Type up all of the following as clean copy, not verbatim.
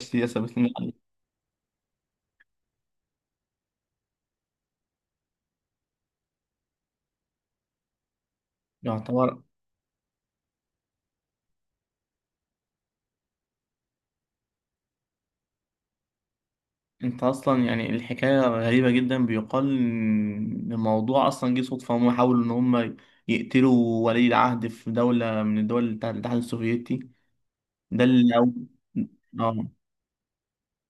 السياسة ثابت لنا عليه. يعتبر انت اصلا يعني الحكاية غريبة جدا، بيقال ان الموضوع اصلا جه صدفة. هم حاولوا ان هم يقتلوا ولي العهد في دولة من الدول بتاعت الاتحاد السوفيتي. ده اه،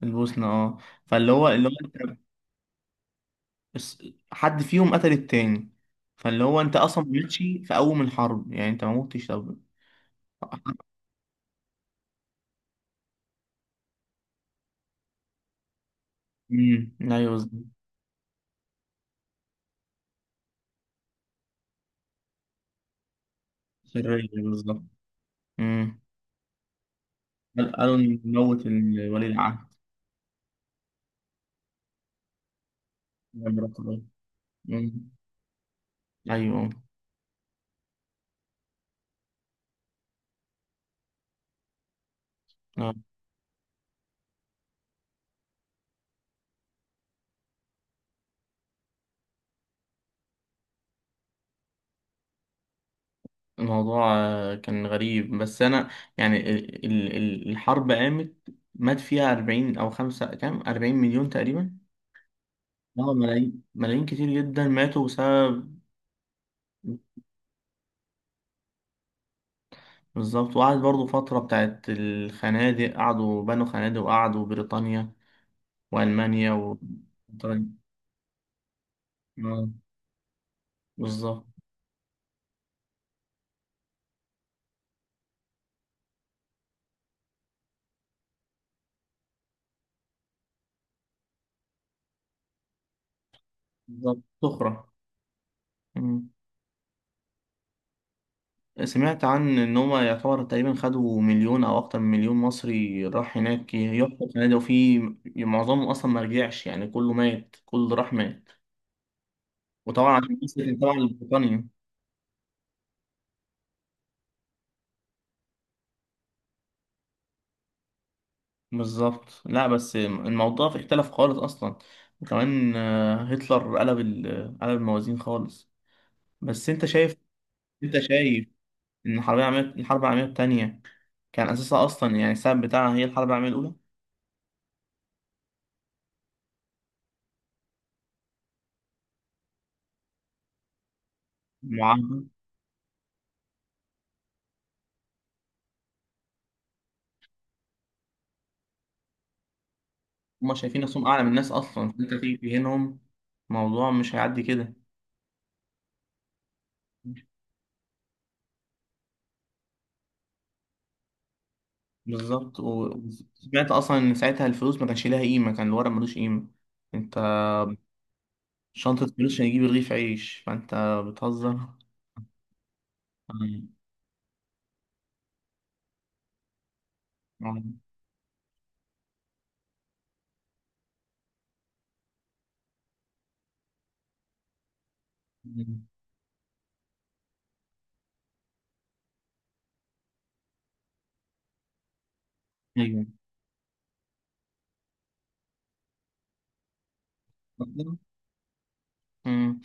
البوسنة اه. فاللي هو انت، بس حد فيهم قتل التاني. فاللي هو انت اصلا ماشي في اول الحرب، يعني انت ما موتش. طب امم، ايوه بالظبط. سرية بالظبط. امم، قالوا إن موت ولي العهد. مم. ايوه آه، الموضوع آه، كان غريب. بس انا يعني الحرب قامت، مات فيها 40 او خمسة كام، 40 مليون تقريبا. اه ملايين، ملايين كتير جدا ماتوا بسبب. بالظبط، وقعد برضو فترة بتاعت الخنادق، قعدوا بنوا خنادق، وقعدوا بريطانيا وألمانيا و آه، بالظبط. بالظبط سخرة. سمعت عن ان هم يعتبر تقريبا خدوا مليون او اكتر من مليون مصري راح هناك يحفر فنادق، وفي معظمهم اصلا ما رجعش، يعني كله مات، كله اللي راح مات. وطبعا عشان قصة طبعا البريطانيا بالظبط. لا بس الموضوع اختلف خالص اصلا، وكمان آه، هتلر قلب قلب الموازين خالص. بس انت شايف، انت شايف ان الحرب العالميه الثانيه كان اساسها اصلا يعني السبب بتاعها هي الحرب العالميه الاولى. المعاهده، هما شايفين نفسهم أعلى من الناس أصلا، فأنت تيجي تهينهم، الموضوع مش هيعدي كده. بالظبط. وسمعت أصلا إن ساعتها الفلوس ما كانش ليها قيمة، كان الورق ملوش قيمة. أنت شنطة فلوس عشان تجيب رغيف عيش، فأنت بتهزر. أمم. أيوه أمم.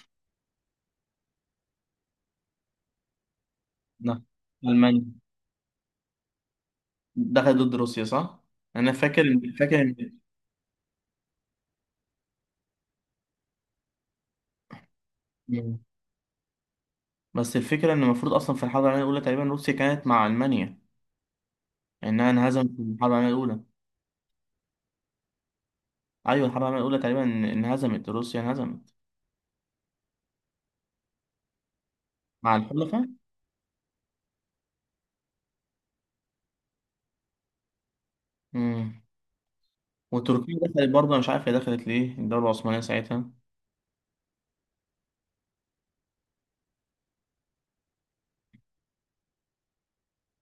ده ألمانيا دخلت ضد روسيا صح؟ أنا فاكر إن أمم. بس الفكرة إن المفروض أصلا في الحرب العالمية الأولى تقريبا روسيا كانت مع ألمانيا، إنها انهزمت في الحرب العالمية الأولى. ايوه الحرب العالميه الاولى تقريبا انهزمت، روسيا انهزمت. مع الحلفاء. امم. وتركيا دخلت برضه، انا مش عارف هي دخلت ليه الدوله العثمانيه ساعتها.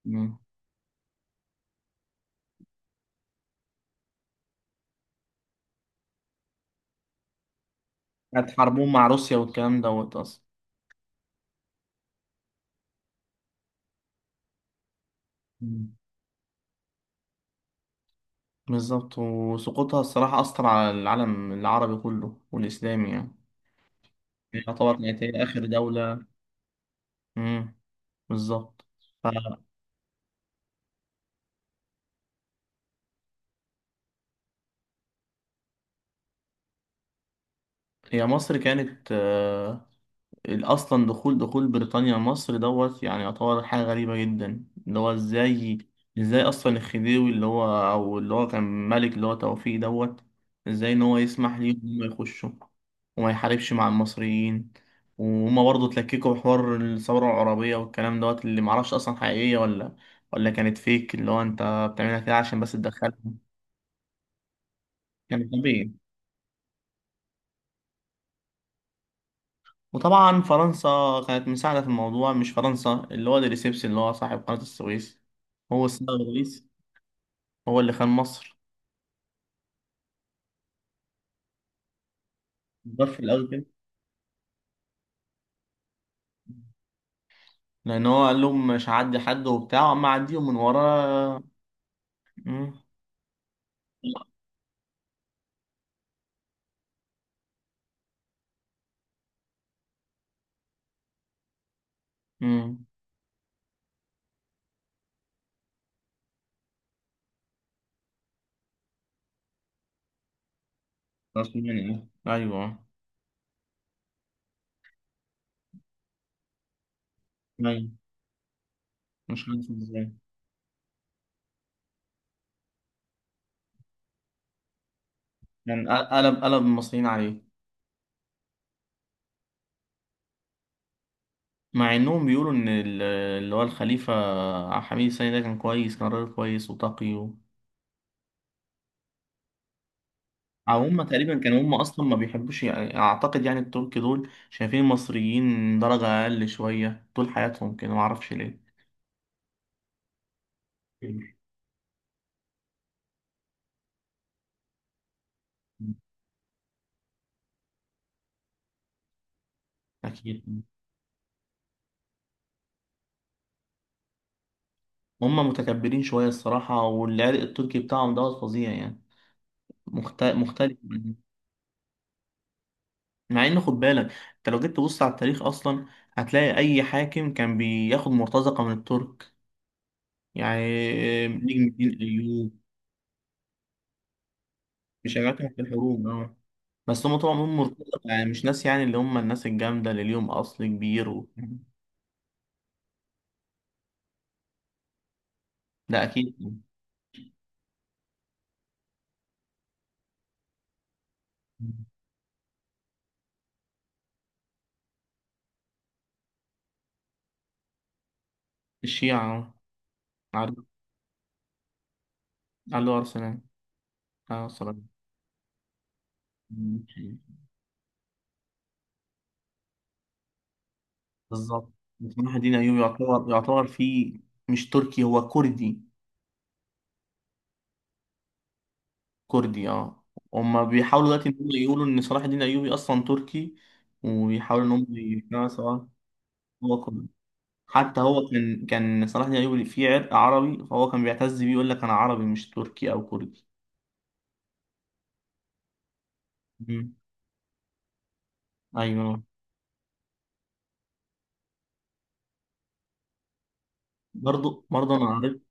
امم. كانت حربهم مع روسيا والكلام دوت اصلا. مم. بالظبط. وسقوطها الصراحه اثر على العالم العربي كله والاسلامي يعني. هي يعتبر كانت هي اخر دوله. امم بالظبط. فهي مصر كانت آه، اصلا دخول بريطانيا مصر دوت يعني يعتبر حاجه غريبه جدا، اللي هو ازاي، ازاي اصلا الخديوي اللي هو او اللي هو كان ملك، اللي هو توفيق دوت، ازاي ان هو يسمح ليهم ان هم يخشوا وما يحاربش مع المصريين. وهما برضه اتلككوا بحوار الثوره العربيه والكلام دوت، اللي معرفش اصلا حقيقيه ولا، ولا كانت فيك اللي هو انت بتعملها كده عشان بس تدخلهم. كان طبيعي. وطبعا فرنسا كانت مساعدة في الموضوع، مش فرنسا اللي هو ديريسيبس اللي هو صاحب قناة السويس، هو السيد الرئيس، هو اللي خان مصر. ضف في الأول كده، لأن هو قال لهم مش هعدي حد وبتاع أما أعديهم من ورا. مم. مم. غصب عني آه. أيوه. أيوه. مش عارف إزاي. يعني قلب، قلب المصريين عليه. مع إنهم بيقولوا إن اللي هو الخليفة عبد الحميد الثاني ده كان كويس، كان راجل كويس وتقي. أو هم تقريبا كانوا هم اصلا ما بيحبوش يعني، اعتقد يعني الترك دول شايفين المصريين درجة اقل شوية طول حياتهم كده، ما اعرفش ليه. اكيد. هم متكبرين شوية الصراحة، والعرق التركي بتاعهم دوت فظيع يعني، مختلف. مع ان خد بالك، انت لو جيت تبص على التاريخ اصلا، هتلاقي اي حاكم كان بياخد مرتزقة من الترك، يعني نجم الدين ايوب. بيشجعتهم في الحروب اه. بس هم طول عمرهم مرتضى، يعني مش ناس يعني اللي هم الناس الجامدة اللي ليهم أصل كبير و... ده أكيد. الشيعة آه. عارف. علو أرسنال. آه صراحة. بالظبط. صلاح الدين أيوبي يعتبر يعتبر فيه، مش تركي، هو كردي. كردي اه. هما بيحاولوا دلوقتي إن هم يقولوا إن صلاح الدين أيوبي أصلا تركي، وبيحاولوا إن هم يقنعوا سواء. هو كردي. حتى هو كان، كان صلاح دين الايوبي فيه عرق عربي، فهو كان بيعتز بيه، يقول لك انا عربي مش تركي او كردي. مم. ايوه. برضه انا قريت،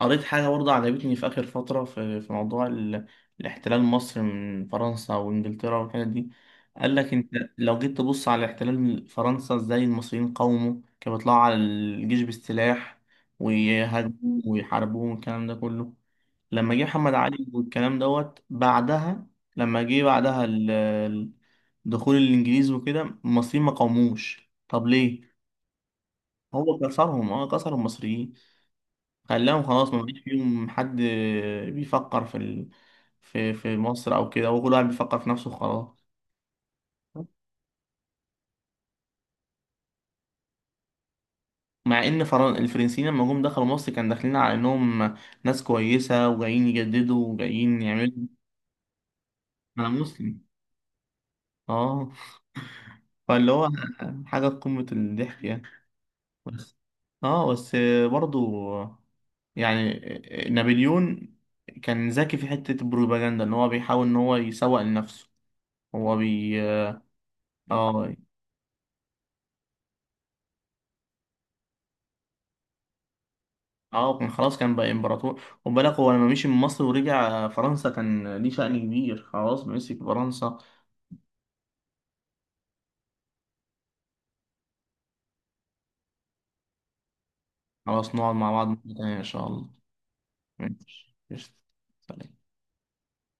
قريت حاجة برضه عجبتني في آخر فترة في موضوع ال... الاحتلال، مصر من فرنسا وإنجلترا والحاجات دي. قال لك أنت لو جيت تبص على احتلال فرنسا، إزاي المصريين قاوموا، كانوا بيطلعوا على الجيش بالسلاح ويهاجموا ويحاربوهم والكلام ده كله. لما جه محمد علي والكلام دوت بعدها، لما جه بعدها دخول الإنجليز وكده، المصريين ما قاوموش، طب ليه؟ هو كسرهم اه، كسر المصريين، خلاهم خلاص ما بقاش فيهم حد بيفكر في ال... في في مصر او كده، وكل واحد بيفكر في نفسه خلاص. مع ان فرن... الفرنسيين لما جم دخلوا مصر كان داخلين على انهم ناس كويسه وجايين يجددوا وجايين يعملوا. انا مسلم اه. فاللي هو حاجه في قمه الضحك يعني. بس اه، بس برضو يعني نابليون كان ذكي في حته البروباجندا، ان هو بيحاول ان هو يسوق لنفسه. هو بي... اه. اه كان خلاص كان بقى امبراطور، وبالك هو لما مشي من مصر ورجع فرنسا كان ليه شأن كبير، خلاص مسك فرنسا. خلاص نقعد مع بعض مرة تانية ان شاء الله. ماشي قشطة. سلام.